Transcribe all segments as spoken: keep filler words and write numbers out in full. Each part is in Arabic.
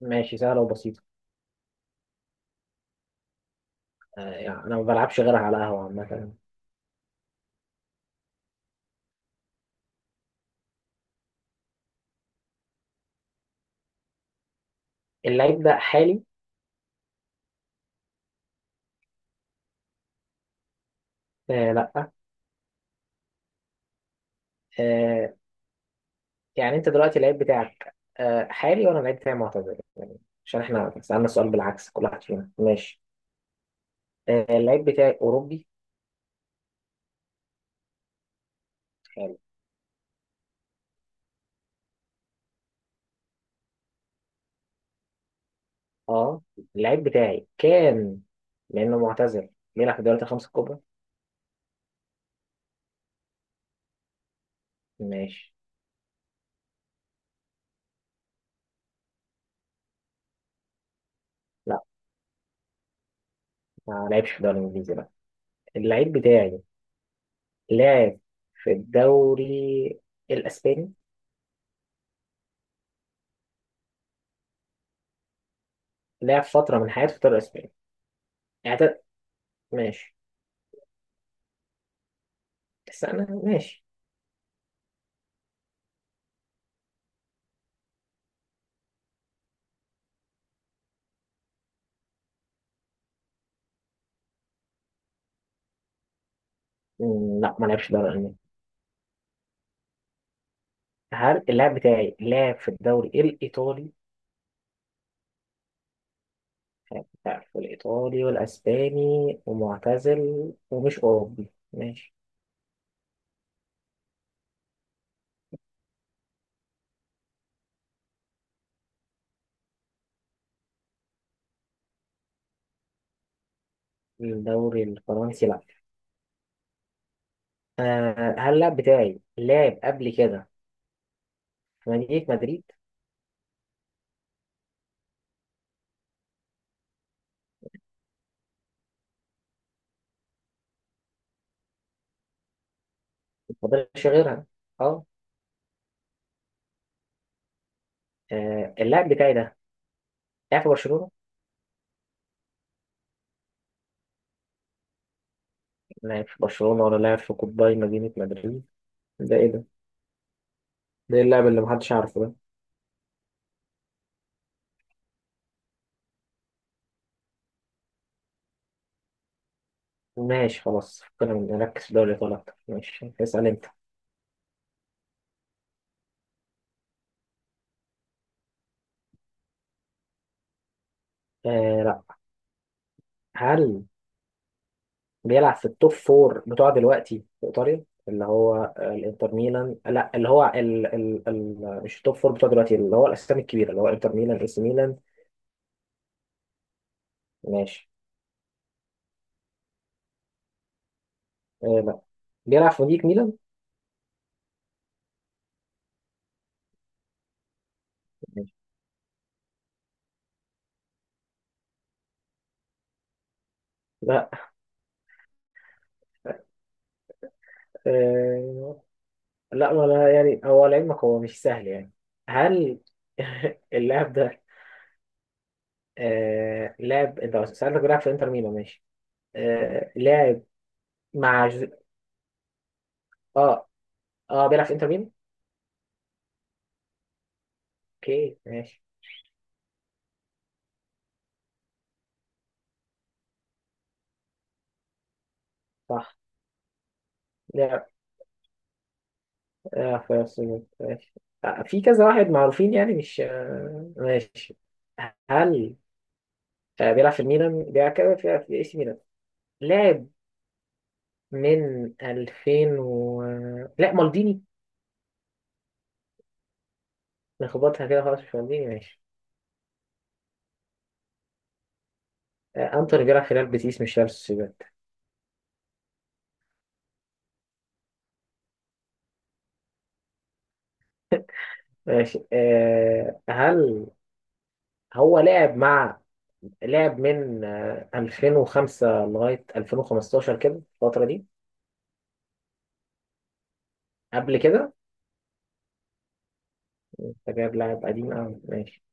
ماشي، سهلة وبسيطة. آه يعني أنا ما بلعبش غيرها على قهوة عامة. اللعيب ده حالي. آه لأ آه يعني أنت دلوقتي اللعيب بتاعك آه حالي وأنا اللعيب بتاعي معتزل، يعني عشان إحنا سألنا السؤال بالعكس. كل واحد فينا ماشي. آه اللعيب بتاعي أوروبي حالي. أه اللعيب بتاعي كان، لأنه معتزل، بيلعب في الدوريات الخمسة الكبرى. ماشي. لأ، ما لعبش في الدوري الإنجليزي، لأ. اللعيب بتاعي لعب في الدوري الإسباني. لعب فترة من حياته في الدوري الإسباني. اعت- ماشي، بس انا ماشي. مم، لا، ما لعبش الدوري الالماني. هل اللاعب بتاعي لعب في الدوري الايطالي؟ لعب في الايطالي والاسباني ومعتزل ومش اوروبي. ماشي. الدوري الفرنسي، لا. آه هل اللاعب بتاعي لعب قبل كده في مدينة مدريد؟ ما فاضلش غيرها، اه. آه، اللاعب بتاعي ده لعب في برشلونة. لعب في برشلونة ولا لعب في قطبي مدينة مدريد؟ ده ايه ده؟ ده إيه اللاعب اللي محدش عارفه ده؟ ماشي، خلاص، فكنا من- نركز في دوري الأبطال أكتر. ماشي، اسأل أنت. آه لا. هل بيلعب في التوب فور بتوع دلوقتي في إيطاليا، اللي هو آه، الإنتر ميلان؟ لا، اللي هو ال... ال... ال... مش التوب فور بتوع دلوقتي، اللي هو الأسامي الكبيرة، اللي هو إنتر ميلان، إي سي ميلان. ماشي. آه لا، بيلعب في نادي ميلان. ماشي. لا. آه لا، ولا يعني. هو لعلمك هو مش سهل يعني. هل اللاعب ده آه لاعب؟ أنت سألتك بيلعب في إنتر ميلان، ماشي. آه لاعب مع اه اه بيلعب في انتر ميامي. اوكي، ماشي. صح. لعب آه في أرسنال، ماشي. آه في كذا واحد معروفين يعني، مش آه ماشي. هل آه بيلعب في الميلان؟ بيلعب كده في في اي سي ميلان. لعب من ألفين و... لا، مالديني. نخبطها كده خلاص. مش مالديني، ماشي. آه انتوني بيلعب في ريال بيتيس، مش ريال سوسيداد. ماشي. آه هل هو لعب مع، لعب من آه ألفين وخمسة لغاية ألفين وخمسة عشر كده، الفترة دي، قبل كده؟ انت جايب لاعب قديم أوي، ماشي.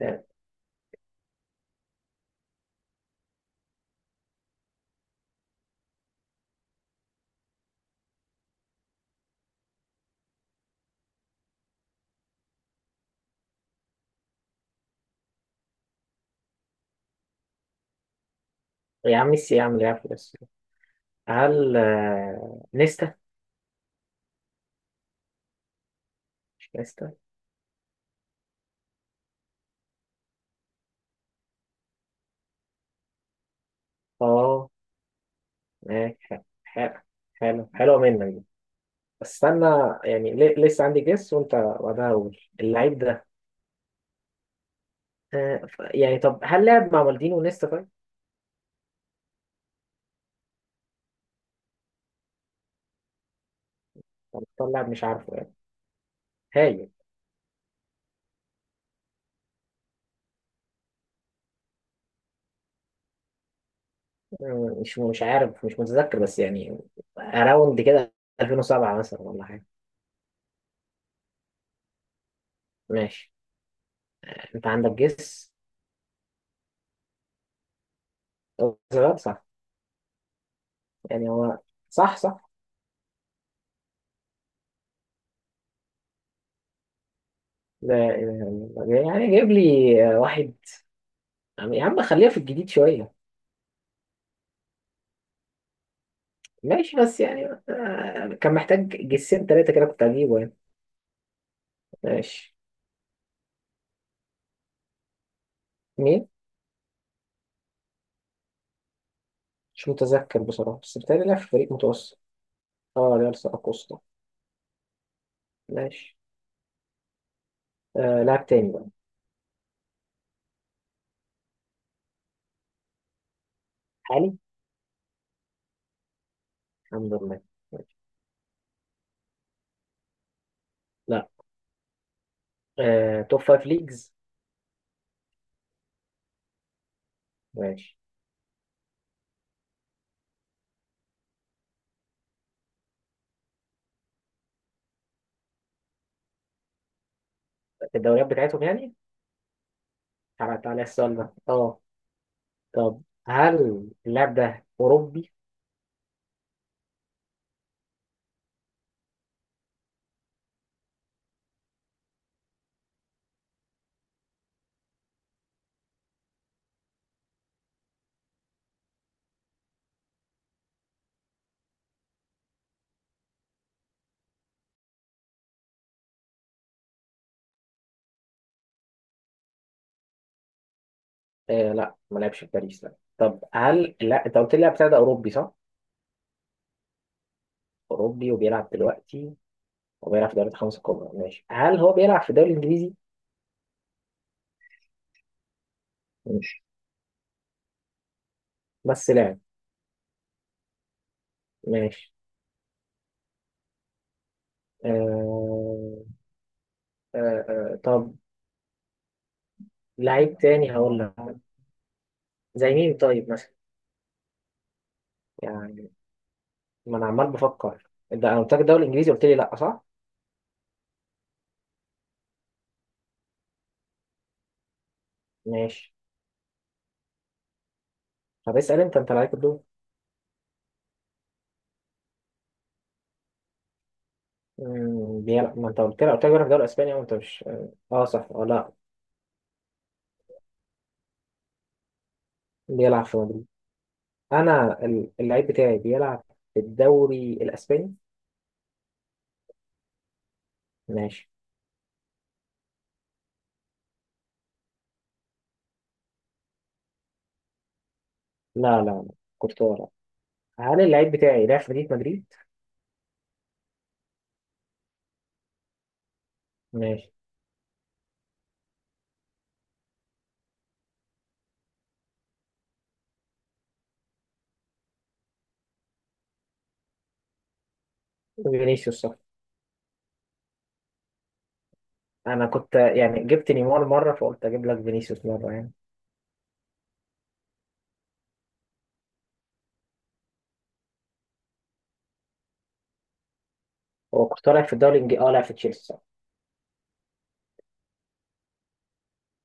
ده- يا عم ميسي، يا عم لعب في بس. هل آه، نيستا؟ مش نيستا. اه، ماشي. حلو، حلو. حلو، حلوة منك دي. بس استنى، يعني ليه- لسه عندي جيس وانت بعدها اقول اللعيب ده. آه، ف- يعني طب هل لعب مع مالديني ونيستا طيب؟ طب طلع لاعب مش عارفه يعني. هاي. آه، مش مش عارف، مش متذكر، بس يعني اراوند كده ألفين وسبعة مثلا ولا حاجة. ماشي. انت عندك جيس. صح. يعني هو صح، صح. لا إله إلا الله، يعني جايب لي آه، واحد. يا عم خليها في الجديد شوية. ماشي، بس يعني آه، كان محتاج جسين تلاتة كده كنت هجيبه يعني. ماشي. مين؟ مش متذكر بصراحة، بس بتهيألي لعب في فريق متوسط. اه، ريال سيراكوسا، ماشي. آه لاعب تاني بقى. حالي. الحمد لله. ماشي. لا. آه توب فايف ليجز. ماشي. الدوريات بتاعتهم يعني. تعالى تعالى السؤال ده اه. طب هل اللاعب ده أوروبي؟ آه لا ما لعبش في باريس، لا. طب هل، لا، انت قلت لي لاعب ده اوروبي صح؟ اوروبي وبيلعب دلوقتي، وبيلعب في دوري الخمسة الكبرى، ماشي. هل هو بيلعب في الدوري الانجليزي؟ ماشي، بس لاعب، ماشي. آه... آه... آه... طب، لعيب تاني هقول لك. زي مين طيب مثلا؟ يعني ما انا عمال بفكر. ده انا قلت لك الدوري الانجليزي، قلت لي لا، صح؟ ماشي. طب اسال انت، انت لعيب الدول. مم، بيلعب. ما انت قلت لي، قلت لك بيلعب في الدوري الاسباني، وانت مش اه آه، صح، اه، لا. بيلعب في مدريد. انا ال- اللعيب بتاعي بيلعب في الدوري الاسباني. ماشي. لا لا لا، كنت ورا. هل اللعيب بتاعي لعب في مدينة مدريد؟ ماشي. فينيسيوس، صح. انا كنت يعني جبت نيمار مره، فقلت اجيب لك فينيسيوس مره يعني. هو كنت لعب في الدوري الانجليزي، اه، لعب في تشيلسي.